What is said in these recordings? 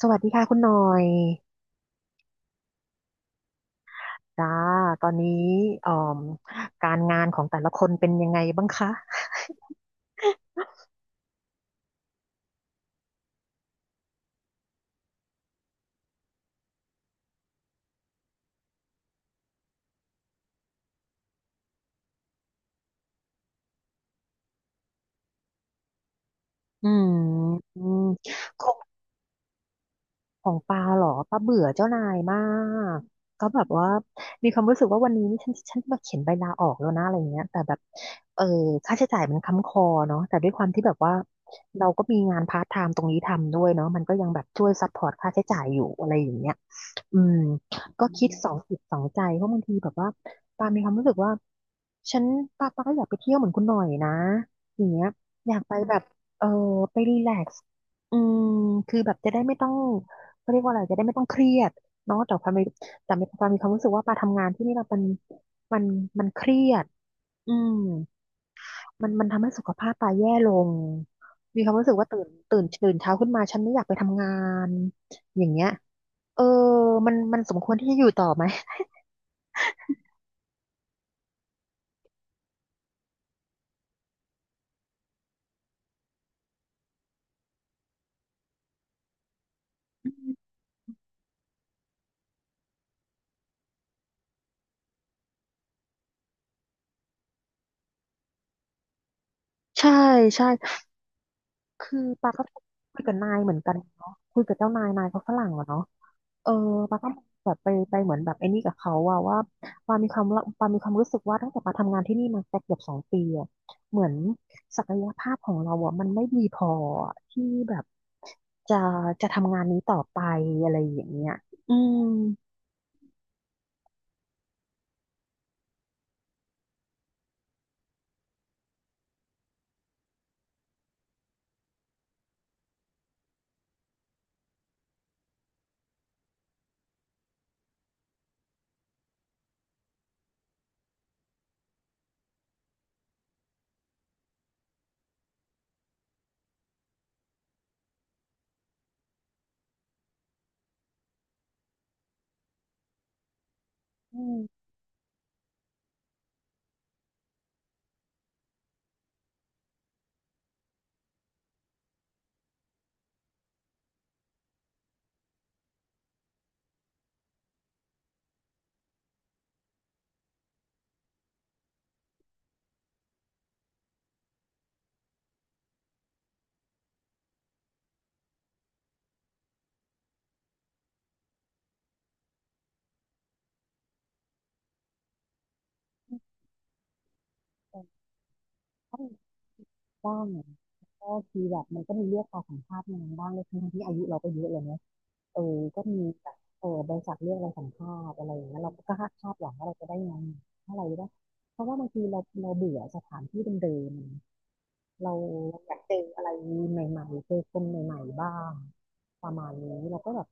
สวัสดีค่ะคุณหน่อยจ้าตอนนี้อ่อมการงานของแต่ละคนเป็นยังไงบ้างคะอืมอืมคง ของปาเหรอปาเบื่อเจ้านายมากก็แบบว่ามีความรู้สึกว่าวันนี้นี่ฉันมาเขียนใบลาออกแล้วนะอะไรเงี้ยแต่แบบเออค่าใช้จ่ายมันค้ำคอเนาะแต่ด้วยความที่แบบว่าเราก็มีงานพาร์ทไทม์ตรงนี้ทำด้วยเนาะมันก็ยังแบบช่วยซัพพอร์ตค่าใช้จ่ายอยู่อะไรอย่างเงี้ย อืมก็คิดสองจิตสองใจเพราะบางทีแบบว่าปามีความรู้สึกว่าฉันปาก็อยากไปเที่ยวเหมือนคุณหน่อยนะอย่างเงี้ยอยากไปแบบเออไปรีแลกซ์อืมคือแบบจะได้ไม่ต้องเขาเรียกว่าอะไรจะได้ไม่ต้องเครียดเนาะแต่ปามีความรู้สึกว่าปาทำงานที่นี่เรามันมันเครียดอืมมันทำให้สุขภาพปาแย่ลงมีความรู้สึกว่าตื่นเช้าขึ้นมาฉันไม่อยากไปทำงานอย่างเงี้ย เออมันสมควรที่จะอยู่ต่อไหม ใช่ ใช่ คือปาก็คุยกับนายเหมือนกันเนาะคุยกับเจ้านายนายเขาฝรั่งอะเนาะเออปาก็แบบไปเหมือนแบบไอ้นี่กับเขาว่าปามีความรู้สึกว่าตั้งแต่ปาทำงานที่นี่มาสักเกือบสองปีอะเหมือนศักยภาพของเราอะมันไม่ดีพออที่แบบจะจะทำงานนี้ต่อไปอะไรอย่างเงี้ยอืมอืม บ้างก็คือแบบมันก็มีเลือกเอาสัมภาษณ์งานบ้างเลยทั้งที่อายุเราก็เยอะเลยเนอะเออก็มีแบบเออบริษัทเลือกเราสัมภาษณ์อะไรอย่างเงี้ยเราก็คาดหวังว่าเราจะได้งานเท่าไหร่ได้เพราะว่าบางทีเราเบื่อสถานที่เดิมๆเราอยากเจออะไรใหม่ๆเจอคนใหม่ๆบ้างประมาณนี้เราก็แบบ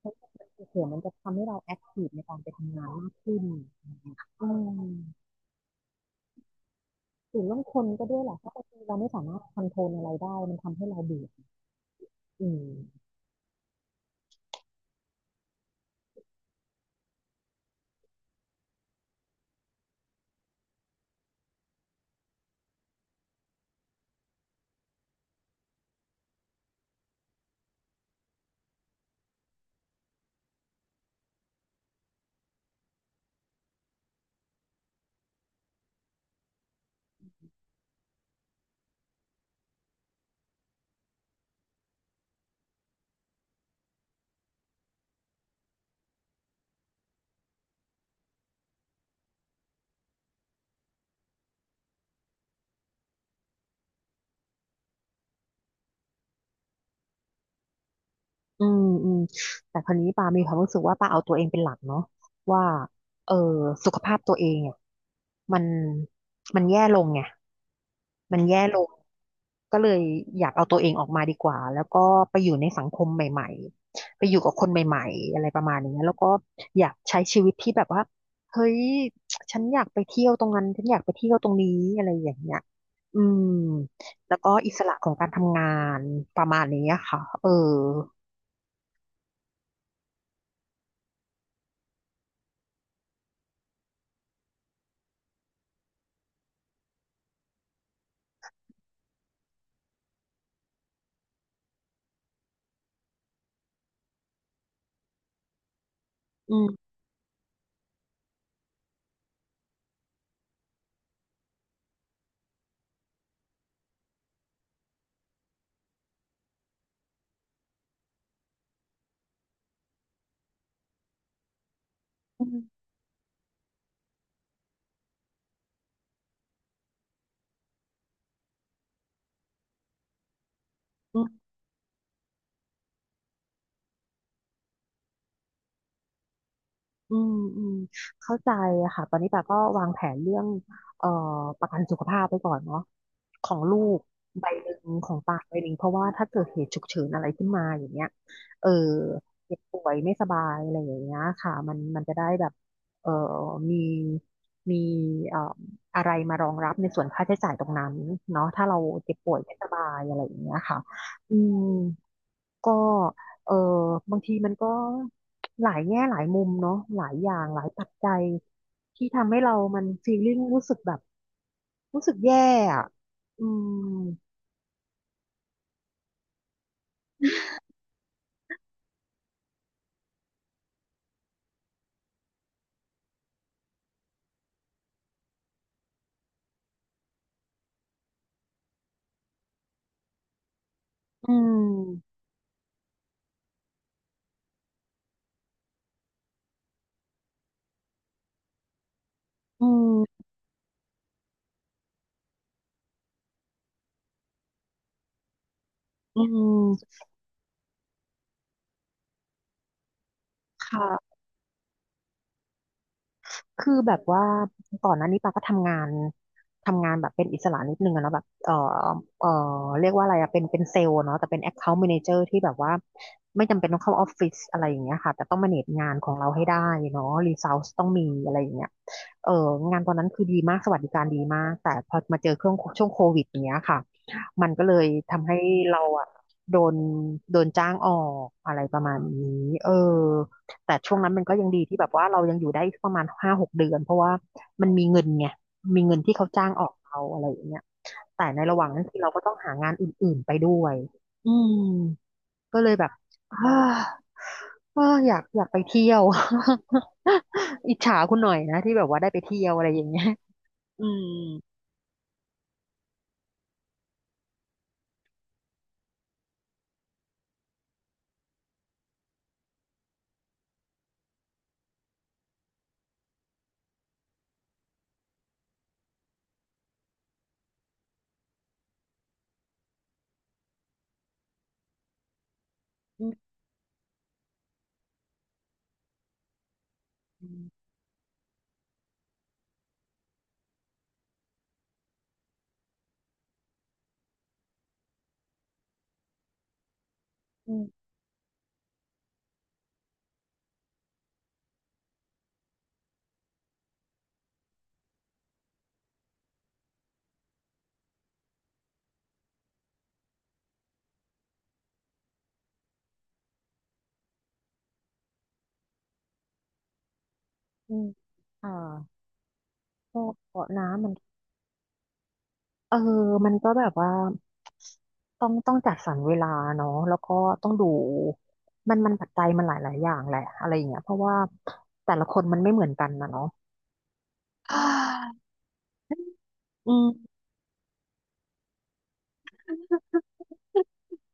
เฮ้ยเผื่อมันจะทำให้เราแอคทีฟในการไปทำงานมากขึ้นอืมถึงเรื่องคนก็ด้วยแหละเพราะบางทีเราไม่สามารถคอนโทรลอะไรได้มันทำให้เราเบื่ออืม อืมอืมแต่คราวนี้ปามีความรู้สึกว่าปาเอาตัวเองเป็นหลักเนาะว่าเออสุขภาพตัวเองอ่ะมันมันแย่ลงไงมันแย่ลงก็เลยอยากเอาตัวเองออกมาดีกว่าแล้วก็ไปอยู่ในสังคมใหม่ๆไปอยู่กับคนใหม่ๆอะไรประมาณอย่างเงี้ยแล้วก็อยากใช้ชีวิตที่แบบว่าเฮ้ยฉันอยากไปเที่ยวตรงนั้นฉันอยากไปเที่ยวตรงนี้อะไรอย่างเงี้ยอืมแล้วก็อิสระของการทำงานประมาณนี้ค่ะเออ อืมอืมอืมอืมอืมเข้าใจค่ะตอนนี้ปาก็วางแผนเรื่องเอ่อประกันสุขภาพไปก่อนเนาะของลูกใบหนึ่งของปาใบหนึ่งเพราะว่าถ้าเกิดเหตุฉุกเฉินอะไรขึ้นมาอย่างเงี้ยเออเจ็บป่วยไม่สบายอะไรอย่างเงี้ยค่ะมันมันจะได้แบบเอ่อมีมีเอ่ออะไรมารองรับในส่วนค่าใช้จ่ายตรงนั้นเนาะถ้าเราเจ็บป่วยไม่สบายอะไรอย่างเงี้ยค่ะอืม ก็เออบางทีมันก็หลายแง่หลายมุมเนาะหลายอย่างหลายปัจจัยที่ทำให้เรามันฟีลลิ่งรู้สึกแบบรู้สึกแย่อะอืมอืมอืมอืมค่ะ คือแบบว่าก่อนหน้านี้ปาก็ทำงานแบบเป็นอิสระนิดนึงอะเนาะแบบเออเรียกว่าอะไรอะเป็นเซลล์เนาะแต่เป็น Account Manager ที่แบบว่าไม่จำเป็นต้องเข้าออฟฟิศอะไรอย่างเงี้ยค่ะแต่ต้องมาเนจงานของเราให้ได้เนาะรีซอสต้องมีอะไรอย่างเงี้ยเอองานตอนนั้นคือดีมากสวัสดิการดีมากแต่พอมาเจอเครื่องช่วงโควิดอย่างเงี้ยค่ะมันก็เลยทำให้เราอะโดนโดนจ้างออกอะไรประมาณนี้เออ แต่ช่วงนั้นมันก็ยังดีที่แบบว่าเรายังอยู่ได้ประมาณห้าหกเดือนเพราะว่ามันมีเงินไงมีเงินที่เขาจ้างออกเราอะไรอย่างเงี้ยแต่ในระหว่างนั้นคือเราก็ต้องหางานอื่นๆไปด้วยอืมก็เลยแบบ อ้าอ้าอยากไปเที่ยว อิจฉาคุณหน่อยนะที่แบบว่าได้ไปเที่ยวอะไรอย่างเงี้ยอืมอืมอืมอืมอ่าก็เกาะน้ำมัน เออมันก็แบบว่าต้องจัดสรรเวลาเนาะแล้วก็ต้องดู มันปัจจัยมันหลายอย่างแหละอะไรอย่างเงี้ยเพราะว่าแต่ละคนมันไม่เหมือนกันนะเนาะ อืม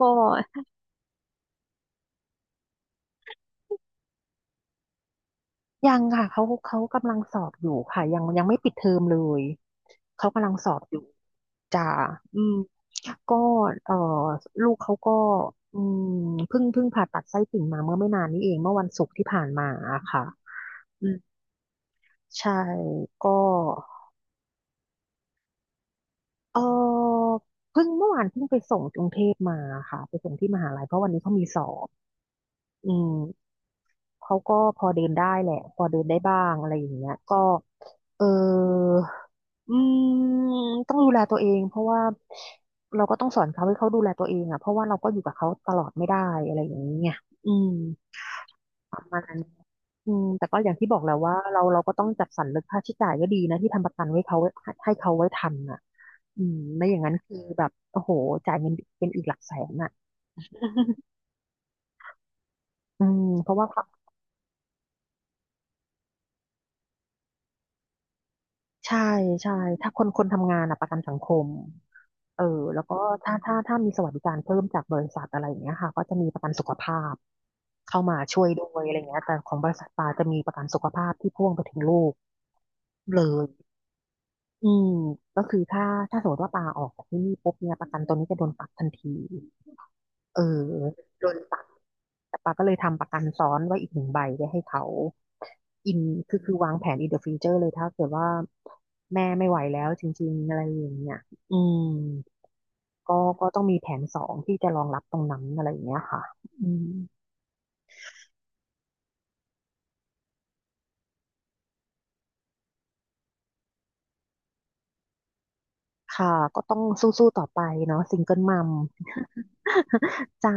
ก็ยังค่ะเขากำลังสอบอยู่ค่ะยังไม่ปิดเทอมเลย เขากำลังสอบอยู่จ้าอืมก็เออลูกเขาก็อืมเพิ่งผ่าตัดไส้ติ่งมาเมื่อไม่นานนี้เอง เมื่อวันศุกร์ที่ผ่านมาอะค่ะอืมใช่ก็ เออเพิ่งเมื่อวานเพิ่งไปส่งกรุงเทพมาค่ะไปส่งที่มหาลัยเพราะวันนี้เขามีสอบอืมเขาก็พอเดินได้แหละพอเดินได้บ้างอะไรอย่างเงี้ยก็เอออืมต้องดูแลตัวเองเพราะว่าเราก็ต้องสอนเขาให้เขาดูแลตัวเองอ่ะเพราะว่าเราก็อยู่กับเขาตลอดไม่ได้อะไรอย่างเงี้ยอืมประมาณนั้นอืมแต่ก็อย่างที่บอกแหล้วว่าเราก็ต้องจัดสรรเรื่องค่าใช้จ่ายก็ดีนะที่ทำประกันไว้เขาไว้ให้เขาไว้ทันอ่ะ อืมไม่อย่างนั้นคือแบบโอ้โหจ่ายเงินเป็นอีกหลักแสนอ่ะ อืมเพราะว่าพักใช่ใช่ถ้าคนทำงานอะประกันสังคมเออแล้วก็ถ้ามีสวัสดิการเพิ่มจากบริษัทอะไรอย่างเงี้ยค่ะก็จะมีประกันสุขภาพเข้ามาช่วยด้วยอะไรเงี้ยแต่ของบริษัทปาจะมีประกันสุขภาพที่พ่วงไปถึงลูกเลยอืมก็คือถ้าสมมติว่าปาออกจากที่นี่ปุ๊บเนี่ยประกันตัวนี้จะโดนตัดทันทีเออโดน แต่ปาก็เลยทำประกันซ้อนไว้อีกหนึ่งใบไว้ให้เขาอินคือวางแผนอินเดอะฟ u r เจอร์เลยถ้าเกิดว่าแม่ไม่ไหวแล้วจริงๆอะไรอย่างเงี้ยอืมก็ต้องมีแผนสองที่จะรองรับตรงนั้นอะไรอย่างเงี้ยค่ะอืมค่ะก็ต้องสู้ๆต่อไปเนาะซิงเกิลมัม จ้า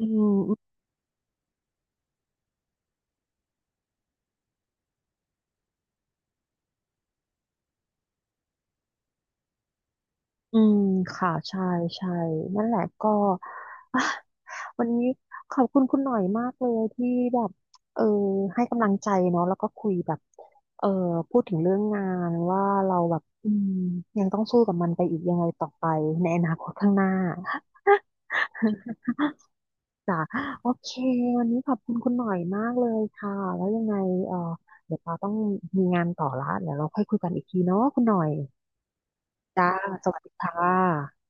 อืม อืมค่ะใช่นั่นแหละก็ อ่ะวันนี้ขอบคุณคุณหน่อยมากเลยที่แบบเออให้กำลังใจเนาะแล้วก็คุยแบบเออพูดถึงเรื่องงานว่าเราแบบอืมยังต้องสู้กับมันไปอีกยังไงต่อไปในอนาคตข้างหน้า จ้ะโอเควันนี้ขอบคุณคุณหน่อยมากเลยค่ะแล้วยังไงเออเดี๋ยวเราต้องมีงานต่อละเดี๋ยวเราค่อยคุยกันอีกทีเนาะคุณหน่อยจ้าสวัสดีค่ะ